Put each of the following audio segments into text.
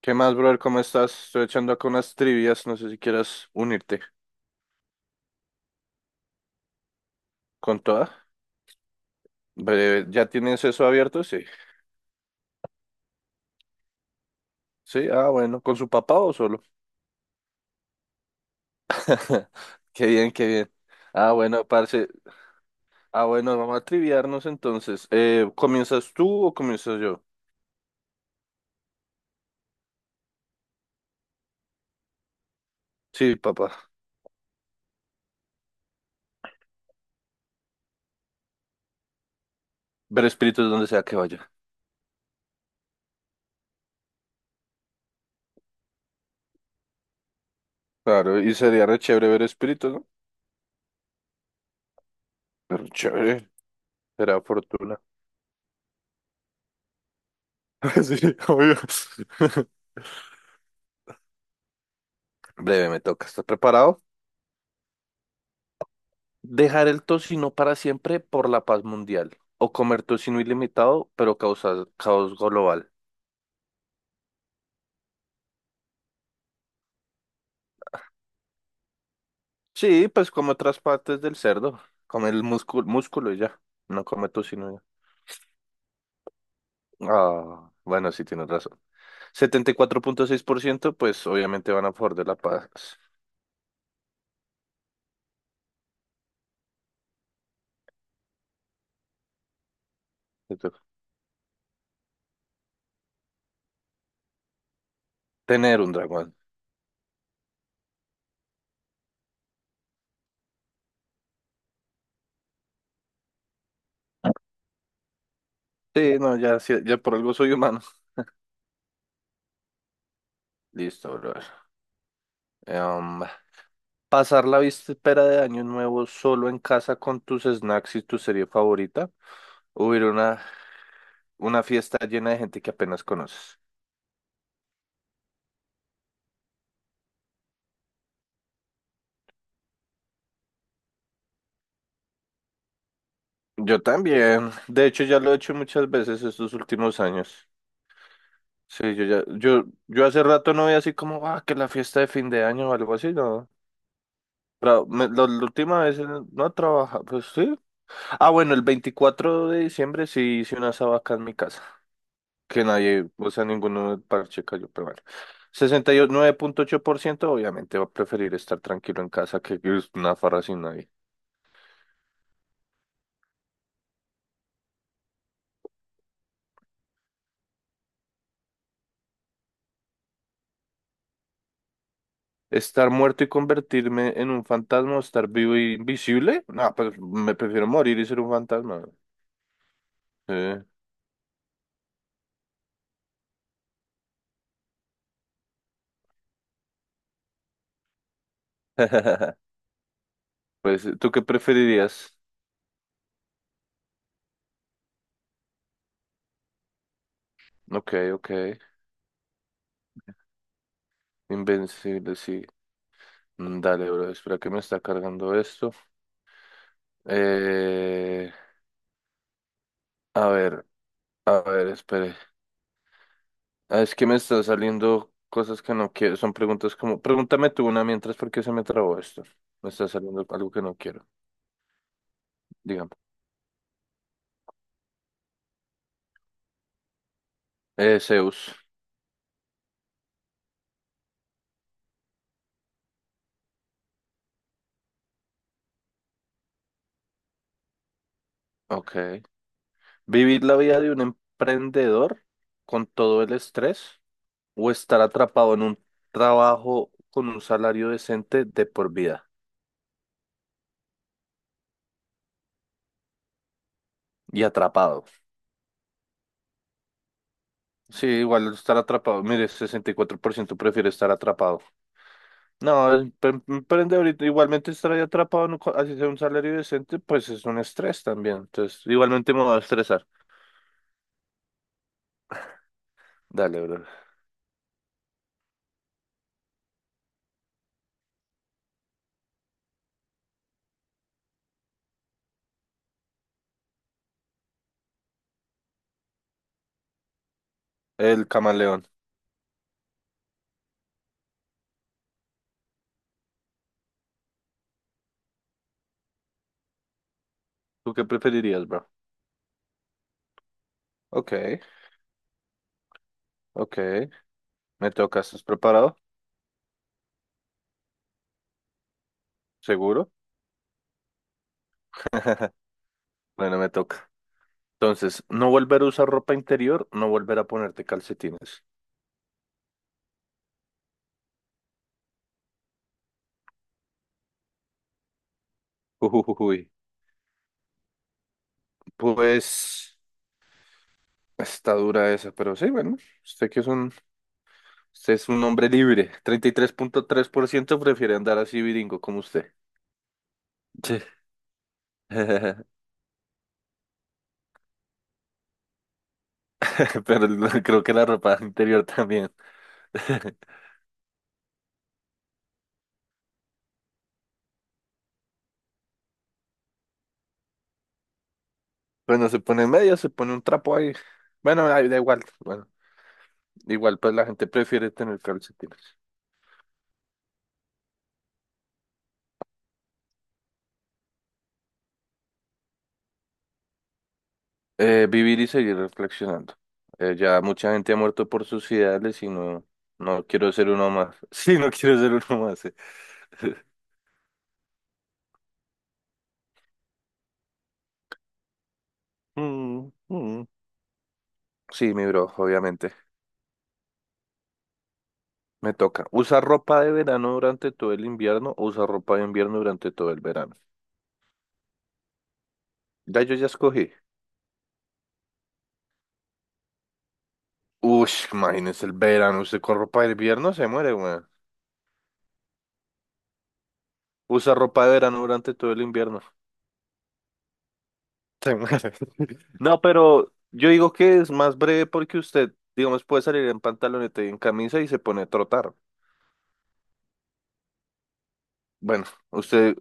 ¿Qué más, brother? ¿Cómo estás? Estoy echando acá unas trivias, no sé si quieras unirte con toda. Breve, ¿ya tienes eso abierto? Sí. Sí, ah, bueno, ¿con su papá o solo? Qué bien, qué bien. Ah, bueno, parce. Ah, bueno, vamos a triviarnos entonces. ¿Comienzas tú o comienzas yo? Sí, papá. Ver espíritus donde sea que vaya. Claro, y sería re chévere ver espíritus, ¿no? Pero chévere, será fortuna. Sí, obvio. Breve, me toca. ¿Estás preparado? Dejar el tocino para siempre por la paz mundial o comer tocino ilimitado pero causar caos global. Sí, pues come otras partes del cerdo, come el músculo, músculo y ya, no come tocino ya. Ah, bueno, sí tienes razón. 74.6% pues obviamente van a favor de la paz. Entonces, tener un dragón. Sí, no, ya, sí, ya por algo soy humano. Listo, brother. Em, pasar la víspera de Año Nuevo solo en casa con tus snacks y tu serie favorita. Hubiera una fiesta llena de gente que apenas conoces. Yo también. De hecho, ya lo he hecho muchas veces estos últimos años. Sí, yo ya, yo hace rato no veía así como, ah, que la fiesta de fin de año o algo así, no. Pero la última vez no trabajaba, pues sí. Ah, bueno, el 24 de diciembre sí hice una sabaca en mi casa, que nadie, o sea, ninguno del parche cayó, pero bueno. 69.8% obviamente va a preferir estar tranquilo en casa que es una farra sin nadie. ¿Estar muerto y convertirme en un fantasma o estar vivo y invisible? No, pues me prefiero morir y ser un fantasma. Sí. Pues, ¿tú qué preferirías? Ok, ok. Invencible, sí. Dale, bro, espera que me está cargando esto. Eh, a ver, a ver, espere. Ah, es que me está saliendo cosas que no quiero. Son preguntas como... Pregúntame tú una mientras porque se me trabó esto. Me está saliendo algo que no quiero, digamos. Zeus. Ok. ¿Vivir la vida de un emprendedor con todo el estrés o estar atrapado en un trabajo con un salario decente de por vida y atrapado? Sí, igual estar atrapado. Mire, 64% prefiere estar atrapado. No, el emprendedor igualmente estar ahí atrapado, no co- así sea un salario decente, pues es un estrés también. Entonces, igualmente me va a estresar. Dale, bro. El camaleón. ¿Tú qué preferirías, bro? Ok, ok. Me toca. ¿Estás preparado? ¿Seguro? Bueno, me toca. Entonces, no volver a usar ropa interior, no volver a ponerte calcetines. Ujujujuy. Pues está dura esa, pero sí, bueno, usted que es un, usted es un hombre libre. Treinta y tres punto tres por ciento prefiere andar así viringo como usted. Sí. Pero el- creo que la ropa interior también. Bueno, se pone en medio, se pone un trapo ahí. Bueno, ahí da igual. Bueno, igual, pues la gente prefiere tener calcetines. Vivir y seguir reflexionando. Ya mucha gente ha muerto por sus ideales y no, no quiero ser uno más. Sí, no quiero ser uno más. Mm, mm. Sí, mi bro, obviamente. Me toca. ¿Usar ropa de verano durante todo el invierno o usar ropa de invierno durante todo el verano? Ya yo ya escogí. Uy, imagínese el verano. Usted con ropa de invierno se muere, weón. Usa ropa de verano durante todo el invierno. Sí, madre. No, pero yo digo que es más breve porque usted, digamos, puede salir en pantaloneta y en camisa y se pone a trotar. Bueno, usted,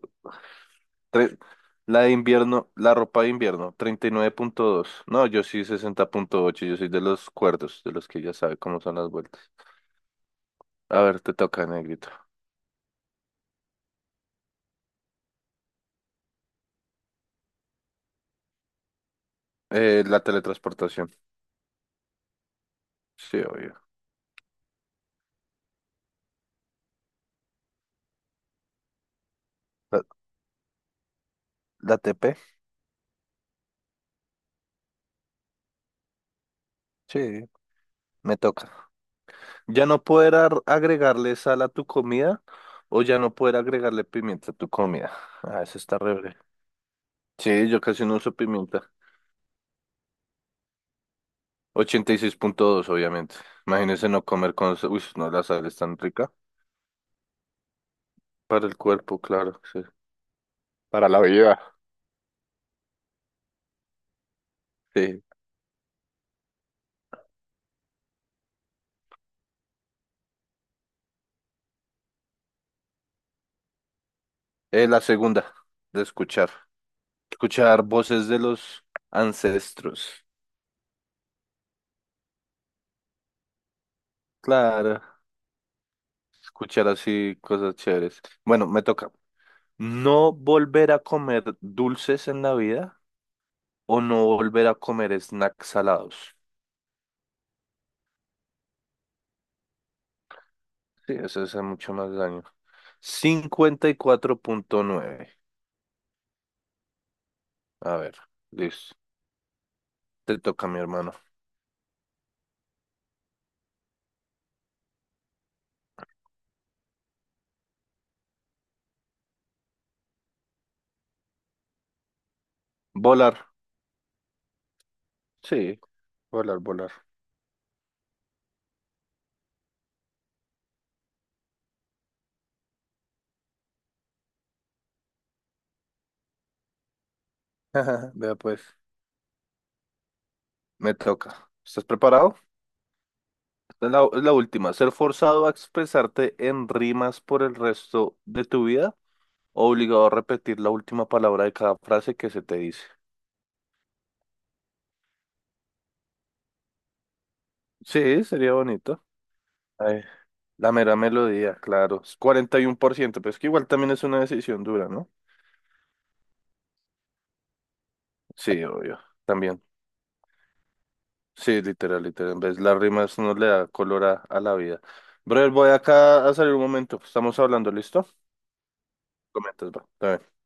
tre- la de invierno, la ropa de invierno, 39.2. No, yo sí 60.8. Yo soy de los cuerdos, de los que ya sabe cómo son las vueltas. A ver, te toca, negrito. La teletransportación. Sí, obvio. ¿La, la TP? Sí, me toca. Ya no poder agregarle sal a tu comida o ya no poder agregarle pimienta a tu comida. Ah, eso está re breve. Sí, yo casi no uso pimienta. 86.2 obviamente. Imagínense no comer con... uy, no, la sal es tan rica. Para el cuerpo, claro, sí. Para la vida. Sí. La segunda, de escuchar. Escuchar voces de los ancestros. Claro, escuchar así cosas chéveres. Bueno, me toca. No volver a comer dulces en la vida o no volver a comer snacks salados. Sí, eso hace mucho más daño. 54.9. A ver, listo. Te toca, mi hermano. Volar. Sí, volar, volar. Vea pues, me toca. ¿Estás preparado? Esta es la, es la última. ¿Ser forzado a expresarte en rimas por el resto de tu vida? ¿O obligado a repetir la última palabra de cada frase que se te dice? Sí, sería bonito. Ay, la mera melodía, claro. Es 41%, pero es que igual también es una decisión dura, ¿no? Sí, obvio, también. Sí, literal, literal. En vez las rimas nos le da color a la vida. Brother, voy acá a salir un momento. Estamos hablando, ¿listo? Comentas, va. Está bien.